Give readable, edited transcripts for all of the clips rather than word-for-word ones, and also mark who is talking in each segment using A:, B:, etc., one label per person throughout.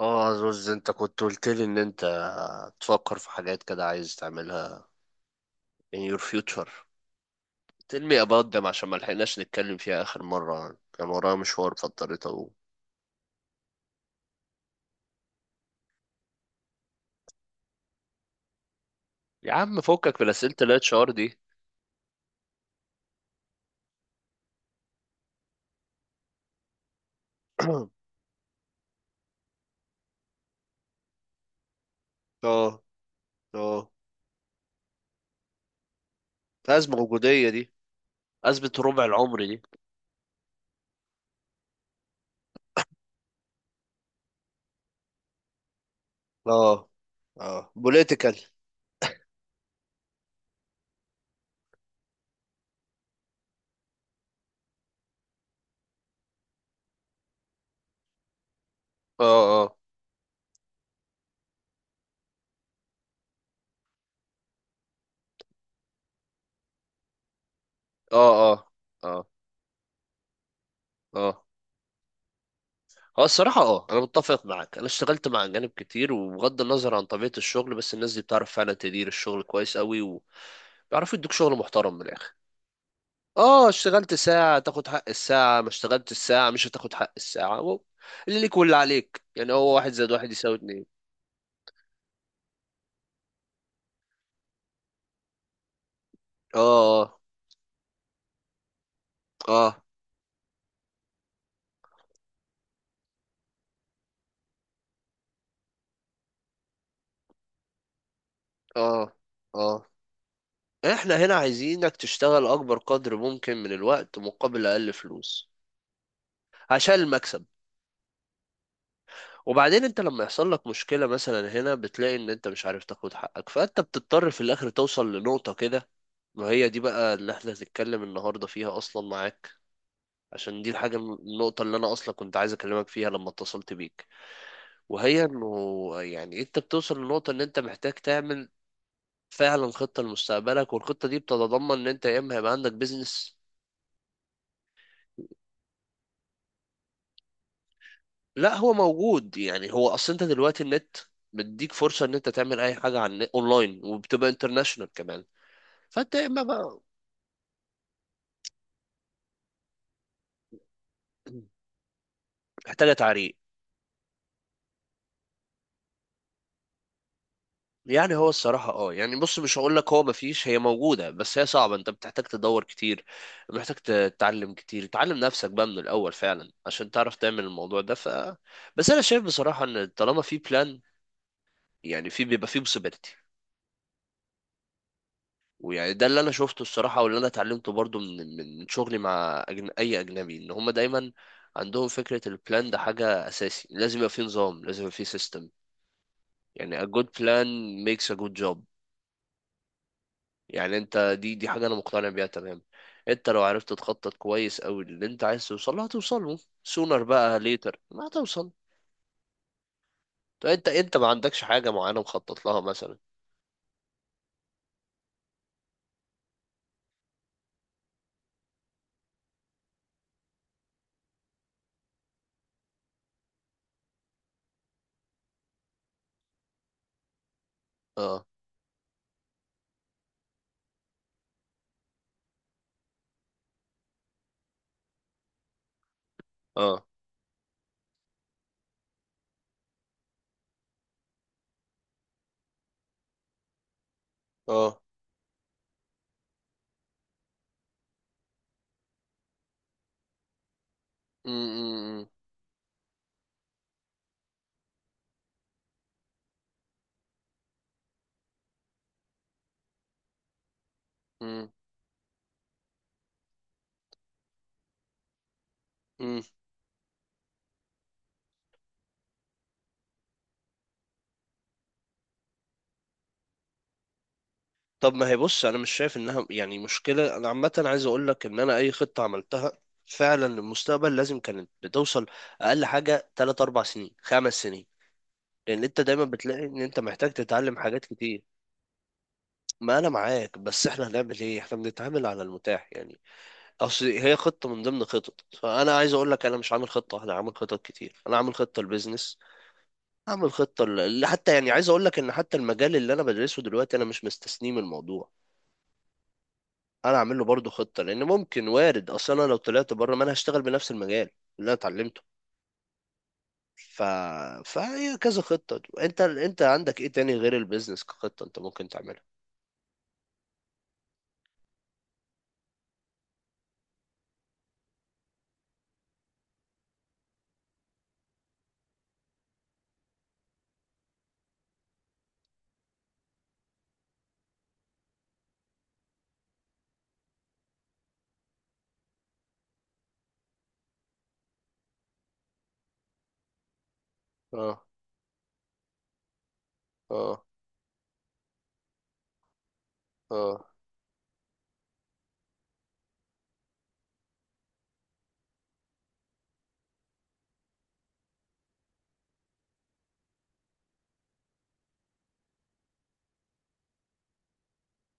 A: اه زوز انت كنت قلت لي ان انت تفكر في حاجات كده عايز تعملها in your future tell me about them عشان ما لحقناش نتكلم فيها اخر مرة كان ورايا مشوار فاضطريت اقوم. يا عم فكك من اسئلة الاتش ار دي. اه، اه، ازمة وجودية دي. ازمة ربع العمر دي. اه، اه، بوليتيكال. اه، اه، اه، اه، اه، اه. هو الصراحة أنا متفق معاك. أنا اشتغلت مع أجانب كتير، وبغض النظر عن طبيعة الشغل بس الناس دي بتعرف فعلا تدير الشغل كويس قوي. بيعرفوا يدوك شغل محترم من الاخر. اه، اشتغلت ساعة تاخد حق الساعة، ما اشتغلت الساعة مش هتاخد حق الساعة. هو اللي ليك واللي عليك، يعني هو واحد زائد واحد يساوي اتنين. اه، اه، اه، اه، احنا هنا عايزينك تشتغل اكبر قدر ممكن من الوقت مقابل اقل فلوس. عشان المكسب. وبعدين انت لما يحصل لك مشكلة مثلا هنا بتلاقي ان انت مش عارف تاخد حقك، فانت بتضطر في الاخر توصل لنقطة كده. ما هي دي بقى اللي احنا هنتكلم النهاردة فيها اصلا معاك. عشان دي الحاجة النقطة اللي أنا أصلا كنت عايز أكلمك فيها لما اتصلت بيك. وهي إنه يعني أنت بتوصل لنقطة إن أنت محتاج تعمل فعلا خطة لمستقبلك، والخطة دي بتتضمن إن أنت يا إما هيبقى عندك بيزنس. لا، هو موجود. يعني هو أصل أنت دلوقتي النت بيديك فرصة إن أنت تعمل أي حاجة عن أونلاين، وبتبقى انترناشونال كمان. فأنت يا إما بقى محتاجة تعريق. يعني هو الصراحة يعني بص، مش هقول لك هو مفيش، هي موجودة بس هي صعبة. انت بتحتاج تدور كتير، محتاج تتعلم كتير، تعلم نفسك بقى من الأول فعلا عشان تعرف تعمل الموضوع ده. بس أنا شايف بصراحة إن طالما في بلان، يعني في بيبقى في possibility. ويعني ده اللي أنا شفته الصراحة واللي أنا اتعلمته برضو من شغلي مع أي أجنبي، إن هما دايما عندهم فكرة البلان ده حاجة أساسي. لازم يبقى في نظام، لازم يبقى في سيستم. يعني a good plan makes a good job. يعني انت دي حاجه انا مقتنع بيها تمام. انت لو عرفت تخطط كويس قوي، اللي انت عايز توصل له هتوصل له سونر بقى ليتر ما هتوصل. طب انت ما عندكش حاجه معينه مخطط لها مثلا؟ اه، اه، اه، امم، امم، امم. طب ما هي بص، انا مش شايف انها يعني مشكله. انا عامه عايز اقول لك ان انا اي خطه عملتها فعلا للمستقبل لازم كانت بتوصل اقل حاجه 3 4 سنين، 5 سنين، لان انت دايما بتلاقي ان انت محتاج تتعلم حاجات كتير. ما انا معاك، بس احنا هنعمل ايه؟ احنا بنتعامل على المتاح يعني. اصل هي خطة من ضمن خطط، فانا عايز اقول لك انا مش عامل خطة، انا عامل خطط كتير. انا عامل خطة للبيزنس، عامل خطة حتى يعني عايز اقول لك ان حتى المجال اللي انا بدرسه دلوقتي انا مش مستثنيه من الموضوع، انا عامل له برضه خطة. لان ممكن وارد اصل انا لو طلعت بره ما انا هشتغل بنفس المجال اللي انا اتعلمته. ف... فهي كذا خطة. انت عندك ايه تاني غير البيزنس كخطة انت ممكن تعملها؟ اه، اه، اه،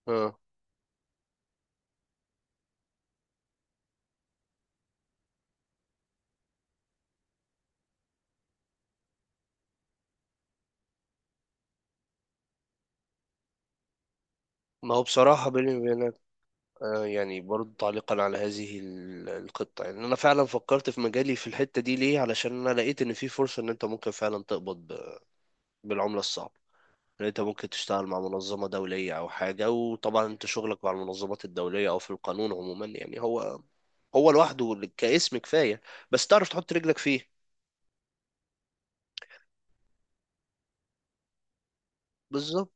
A: اه. ما هو بصراحة بيني وبينك، آه، يعني برضو تعليقا على هذه القطة، يعني أنا فعلا فكرت في مجالي في الحتة دي ليه، علشان أنا لقيت إن في فرصة إن أنت ممكن فعلا تقبض بالعملة الصعبة. إن أنت ممكن تشتغل مع منظمة دولية أو حاجة، وطبعا أنت شغلك مع المنظمات الدولية أو في القانون عموما، يعني هو هو لوحده كاسم كفاية، بس تعرف تحط رجلك فيه. بالظبط.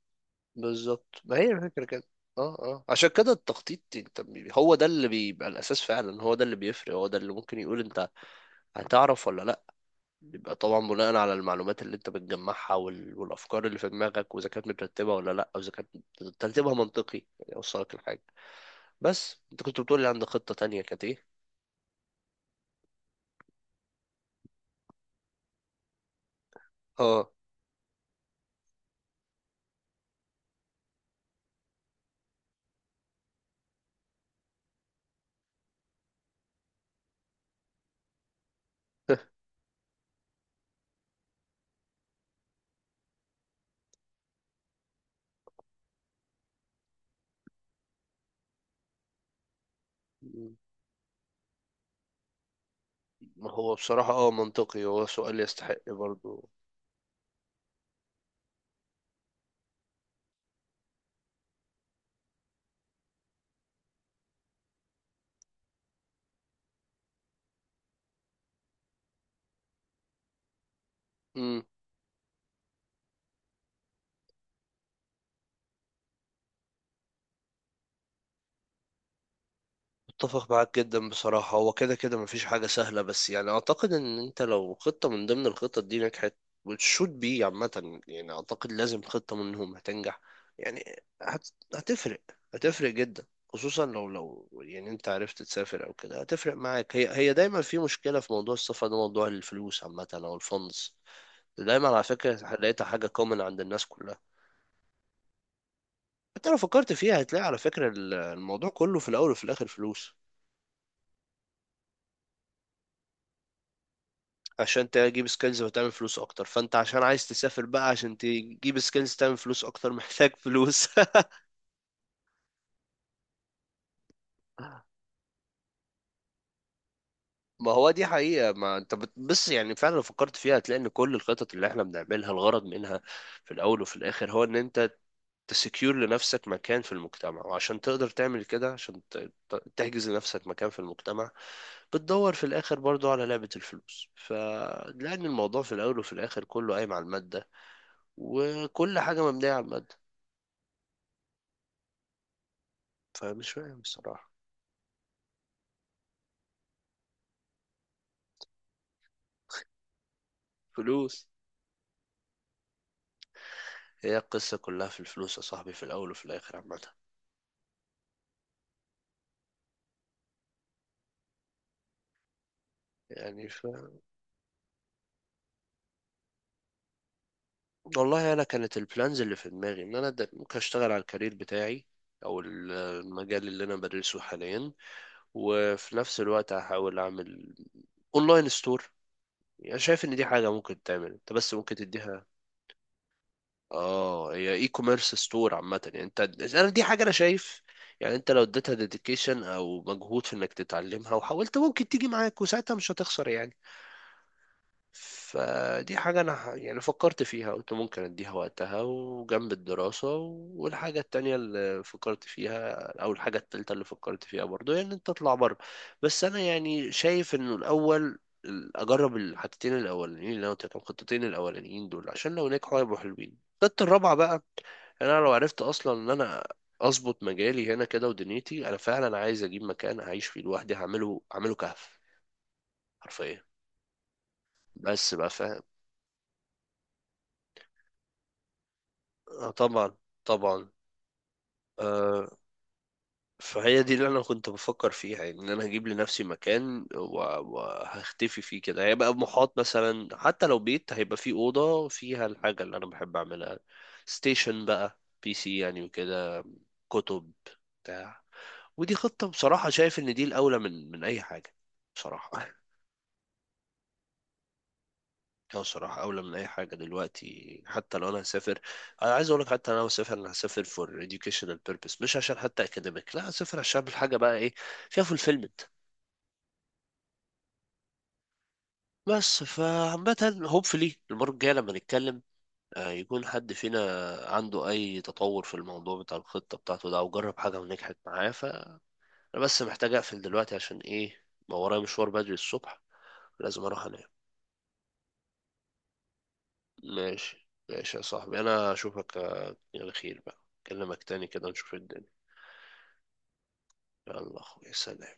A: بالظبط ما هي الفكرة كده. اه، اه، عشان كده التخطيط، انت هو ده اللي بيبقى الاساس فعلا، هو ده اللي بيفرق، هو ده اللي ممكن يقول انت هتعرف ولا. بيبقى طبعا بناء على المعلومات اللي انت بتجمعها، والافكار اللي في دماغك، واذا كانت مترتبه ولا لا، او اذا كانت ترتيبها منطقي يعني اوصلك لحاجه. بس انت كنت بتقول لي عندك خطه تانية، كانت ايه؟ اه. ما هو بصراحه منطقي، هو سؤال يستحق برضو. اتفق معاك جدا بصراحة. هو كده كده مفيش حاجة سهلة، بس يعني أعتقد إن أنت لو خطة من ضمن الخطط دي نجحت وتشوت بي عامة، يعني أعتقد لازم خطة منهم هتنجح. يعني هتفرق. هتفرق جدا. خصوصا لو يعني أنت عرفت تسافر أو كده هتفرق معاك. هي دايما في مشكلة في موضوع السفر ده، موضوع الفلوس عامة أو الفندس. دايما على فكرة لقيتها حاجة كومن عند الناس كلها. حتى لو فكرت فيها هتلاقي على فكرة الموضوع كله في الأول وفي الآخر فلوس. عشان تجيب سكيلز وتعمل فلوس اكتر، فانت عشان عايز تسافر بقى عشان تجيب سكيلز تعمل فلوس اكتر، محتاج فلوس. ما هو دي حقيقة. ما انت بس يعني فعلا لو فكرت فيها هتلاقي ان كل الخطط اللي احنا بنعملها الغرض منها في الاول وفي الاخر هو ان انت تسكيور لنفسك مكان في المجتمع. وعشان تقدر تعمل كده، عشان تحجز لنفسك مكان في المجتمع، بتدور في الاخر برضو على لعبة الفلوس. فلأن الموضوع في الاول وفي الاخر كله قايم على المادة، وكل حاجة مبنية على المادة. فمش فاهم بصراحة. فلوس. هي القصة كلها في الفلوس يا صاحبي، في الأول وفي الآخر عامة. يعني والله أنا كانت البلانز اللي في دماغي إن أنا ممكن أشتغل على الكارير بتاعي، أو المجال اللي أنا بدرسه حاليا. وفي نفس الوقت هحاول أعمل أونلاين ستور. يعني شايف إن دي حاجة ممكن تعمل أنت، بس ممكن تديها. آه، هي إي كوميرس ستور عامة يعني. أنت أنا دي حاجة أنا شايف، يعني أنت لو اديتها ديديكيشن أو مجهود في إنك تتعلمها وحاولت، ممكن تيجي معاك وساعتها مش هتخسر يعني. فدي حاجة أنا يعني فكرت فيها، قلت ممكن أديها وقتها وجنب الدراسة. والحاجة التانية اللي فكرت فيها، أو الحاجة التالتة اللي فكرت فيها برضو، هي إن أنت تطلع بره. بس أنا يعني شايف إنه الأول أجرب الحاجتين الأولانيين اللي أنا قلت لك، الخطتين الأولانيين دول، عشان لو نجحوا هيبقوا حلوين. الخطة الرابعة بقى، يعني أنا لو عرفت أصلا إن أنا أظبط مجالي هنا كده ودنيتي، أنا فعلا عايز أجيب مكان أعيش فيه لوحدي. هعمله، هعمله كهف حرفيا. بس بقى فاهم. آه، طبعا. طبعا. آه، فهي دي اللي انا كنت بفكر فيها، يعني ان انا هجيب لنفسي مكان وهختفي فيه كده. هيبقى محاط مثلا، حتى لو بيت هيبقى فيه اوضه فيها الحاجه اللي انا بحب اعملها، ستيشن بقى PC يعني وكده، كتب، بتاع. ودي خطه بصراحه شايف ان دي الاولى من اي حاجه بصراحه. اه، صراحة أولى من أي حاجة دلوقتي. حتى لو أنا هسافر، أنا عايز أقولك حتى لو أنا هسافر، أنا هسافر for educational purpose، مش عشان حتى academic. لا، هسافر عشان أعمل حاجة بقى إيه فيها fulfillment. بس فعامة hopefully المرة الجاية لما نتكلم، آه، يكون حد فينا عنده أي تطور في الموضوع بتاع الخطة بتاعته ده، أو جرب حاجة ونجحت معاه. فأنا بس محتاج أقفل دلوقتي عشان إيه، ما ورايا مشوار بدري الصبح، لازم أروح أنام. ماشي ماشي يا صاحبي، أنا أشوفك آه، على خير بقى. أكلمك تاني كده نشوف الدنيا. يلا اخويا، سلام.